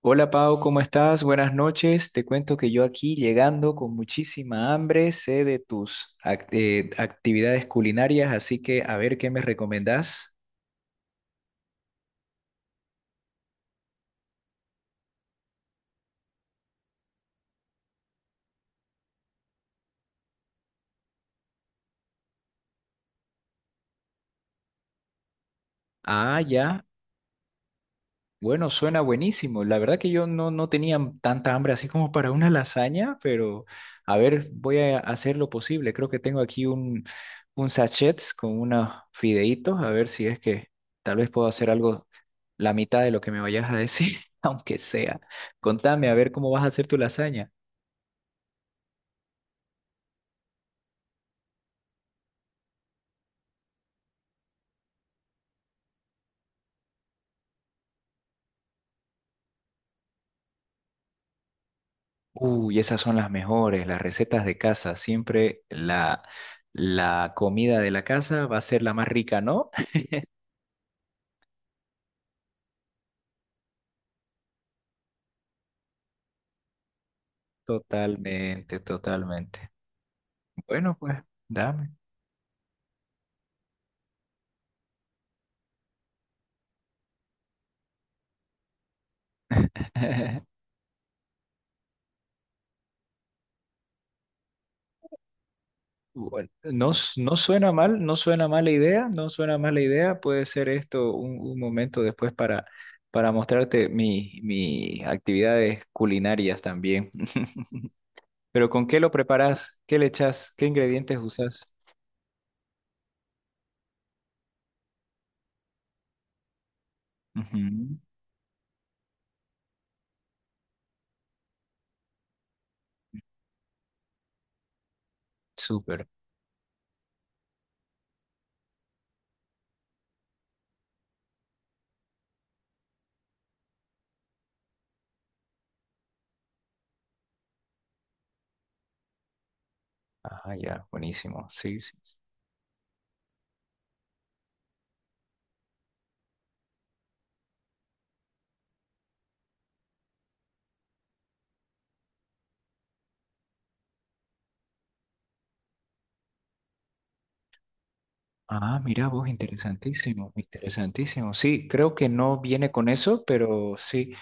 Hola Pau, ¿cómo estás? Buenas noches. Te cuento que yo aquí llegando con muchísima hambre, sé de tus actividades culinarias, así que a ver qué me recomendás. Ah, ya. Bueno, suena buenísimo. La verdad que yo no tenía tanta hambre así como para una lasaña, pero a ver, voy a hacer lo posible. Creo que tengo aquí un sachet con unos fideitos, a ver si es que tal vez puedo hacer algo, la mitad de lo que me vayas a decir, aunque sea. Contame, a ver cómo vas a hacer tu lasaña. Uy, esas son las mejores, las recetas de casa. Siempre la comida de la casa va a ser la más rica, ¿no? Totalmente, totalmente. Bueno, pues, dame. Bueno, no, no suena mal, no suena mala idea, no suena mala idea. Puede ser esto un momento después para mostrarte mis actividades culinarias también. Pero ¿con qué lo preparas? ¿Qué le echas? ¿Qué ingredientes usas? Ujú. Súper. Ah, ya, buenísimo. Sí, sí. Ah, mira vos, interesantísimo, interesantísimo. Sí, creo que no viene con eso, pero sí,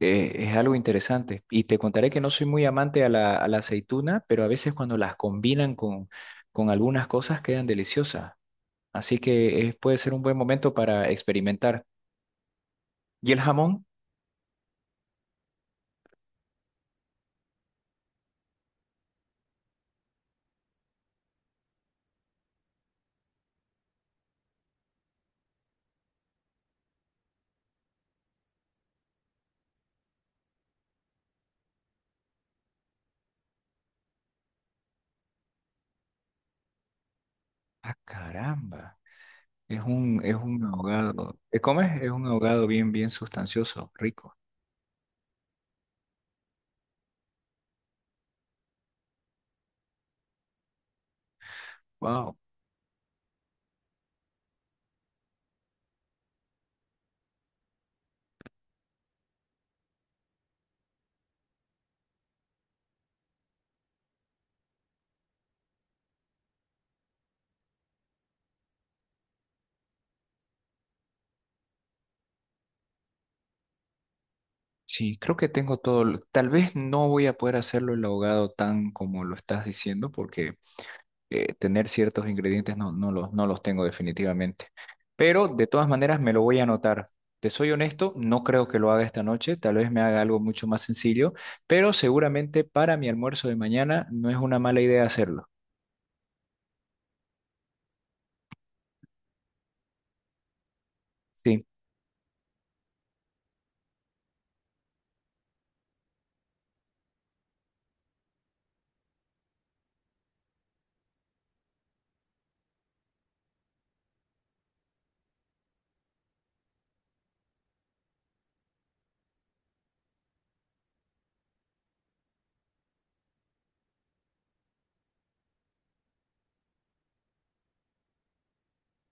es algo interesante. Y te contaré que no soy muy amante a a la aceituna, pero a veces cuando las combinan con algunas cosas quedan deliciosas. Así que puede ser un buen momento para experimentar. ¿Y el jamón? Ah, caramba, es es un ahogado. ¿Eh, cómo es? Es un ahogado bien, bien sustancioso, rico. Wow. Sí, creo que tengo todo. Tal vez no voy a poder hacerlo el ahogado tan como lo estás diciendo, porque tener ciertos ingredientes no los, no los tengo definitivamente. Pero de todas maneras me lo voy a anotar. Te soy honesto, no creo que lo haga esta noche. Tal vez me haga algo mucho más sencillo, pero seguramente para mi almuerzo de mañana no es una mala idea hacerlo. Sí.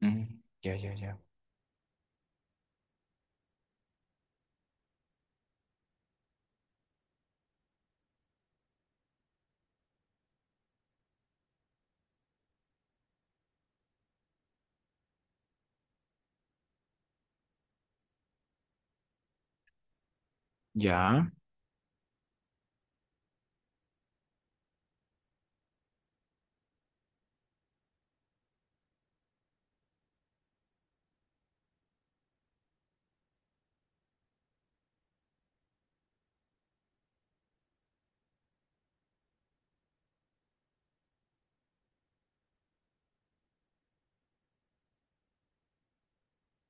Mm, ya, ya, ya. Ya.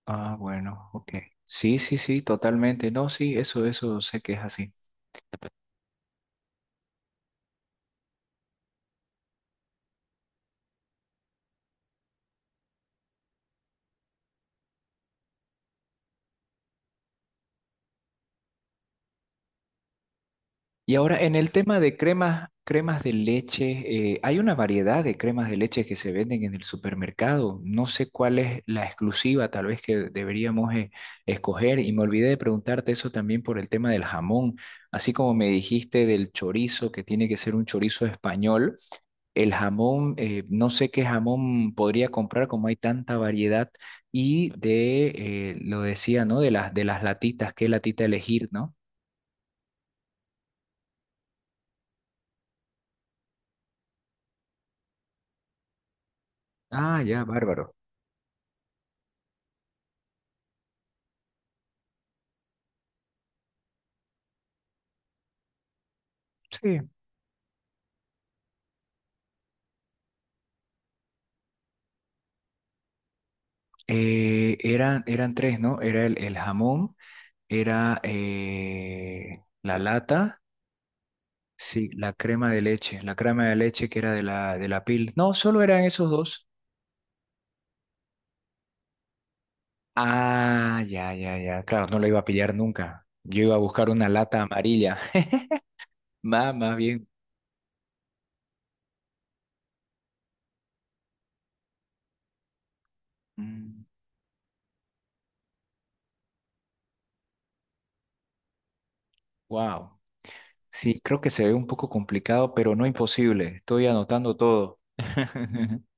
Ah, bueno, ok. Sí, sí, sí, totalmente. No, sí, eso sé que es así. Y ahora en el tema de cremas, cremas de leche, hay una variedad de cremas de leche que se venden en el supermercado. No sé cuál es la exclusiva, tal vez que deberíamos escoger. Y me olvidé de preguntarte eso también por el tema del jamón. Así como me dijiste del chorizo, que tiene que ser un chorizo español, el jamón, no sé qué jamón podría comprar como hay tanta variedad. Y de, lo decía, ¿no? De de las latitas, qué latita elegir, ¿no? Ah, ya, bárbaro. Sí. Eran, eran tres, ¿no? Era el jamón, era la lata, sí, la crema de leche, la crema de leche que era de de la pil. No, solo eran esos dos. Ah, ya, ya, ya. Claro, no lo iba a pillar nunca. Yo iba a buscar una lata amarilla. Más, más bien. Wow. Sí, creo que se ve un poco complicado, pero no imposible. Estoy anotando todo.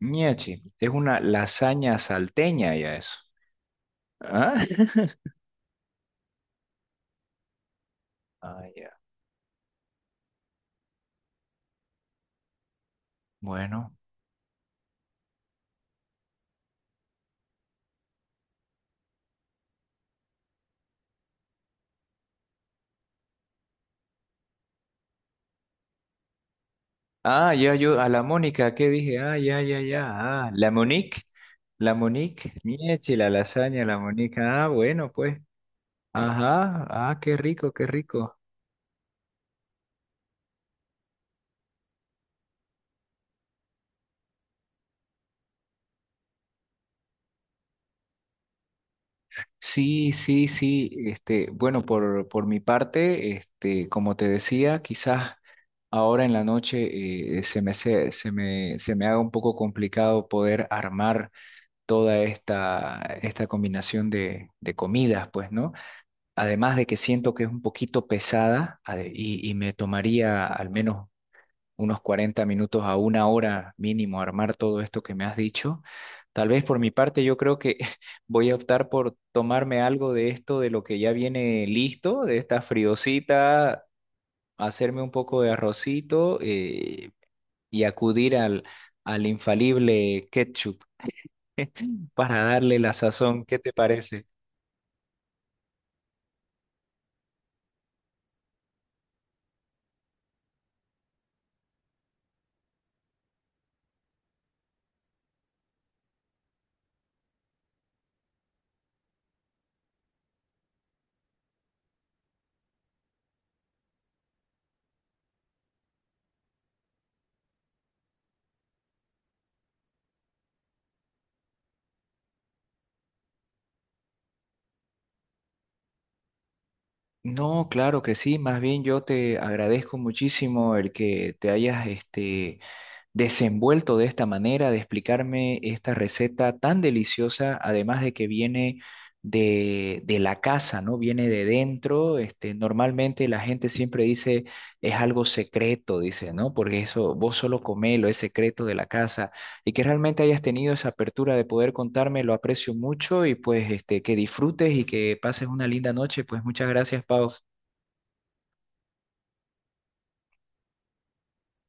Ñachi, es una lasaña salteña ya eso. ¿Ah? Ah, ya. Bueno. Ah, ya yo, a la Mónica, ¿qué dije? Ah, ya, ya, ya. Ah, la Monique, Miechi, la lasaña, la Monique. Ah, bueno, pues. Ajá, ah, qué rico, qué rico. Sí, sí, sí. Este, bueno, por mi parte, este, como te decía, quizás ahora en la noche se me haga un poco complicado poder armar toda esta, esta combinación de comidas, pues, ¿no? Además de que siento que es un poquito pesada y me tomaría al menos unos 40 minutos a 1 hora mínimo armar todo esto que me has dicho. Tal vez por mi parte yo creo que voy a optar por tomarme algo de esto, de lo que ya viene listo, de esta friosita, hacerme un poco de arrocito y acudir al, al infalible ketchup para darle la sazón. ¿Qué te parece? No, claro que sí, más bien yo te agradezco muchísimo el que te hayas este, desenvuelto de esta manera, de explicarme esta receta tan deliciosa, además de que viene de la casa, ¿no? Viene de dentro, este, normalmente la gente siempre dice es algo secreto, dice, ¿no? Porque eso vos solo comelo, es secreto de la casa, y que realmente hayas tenido esa apertura de poder contarme, lo aprecio mucho y pues este, que disfrutes y que pases una linda noche, pues muchas gracias, Pau.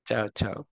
Chao, chao.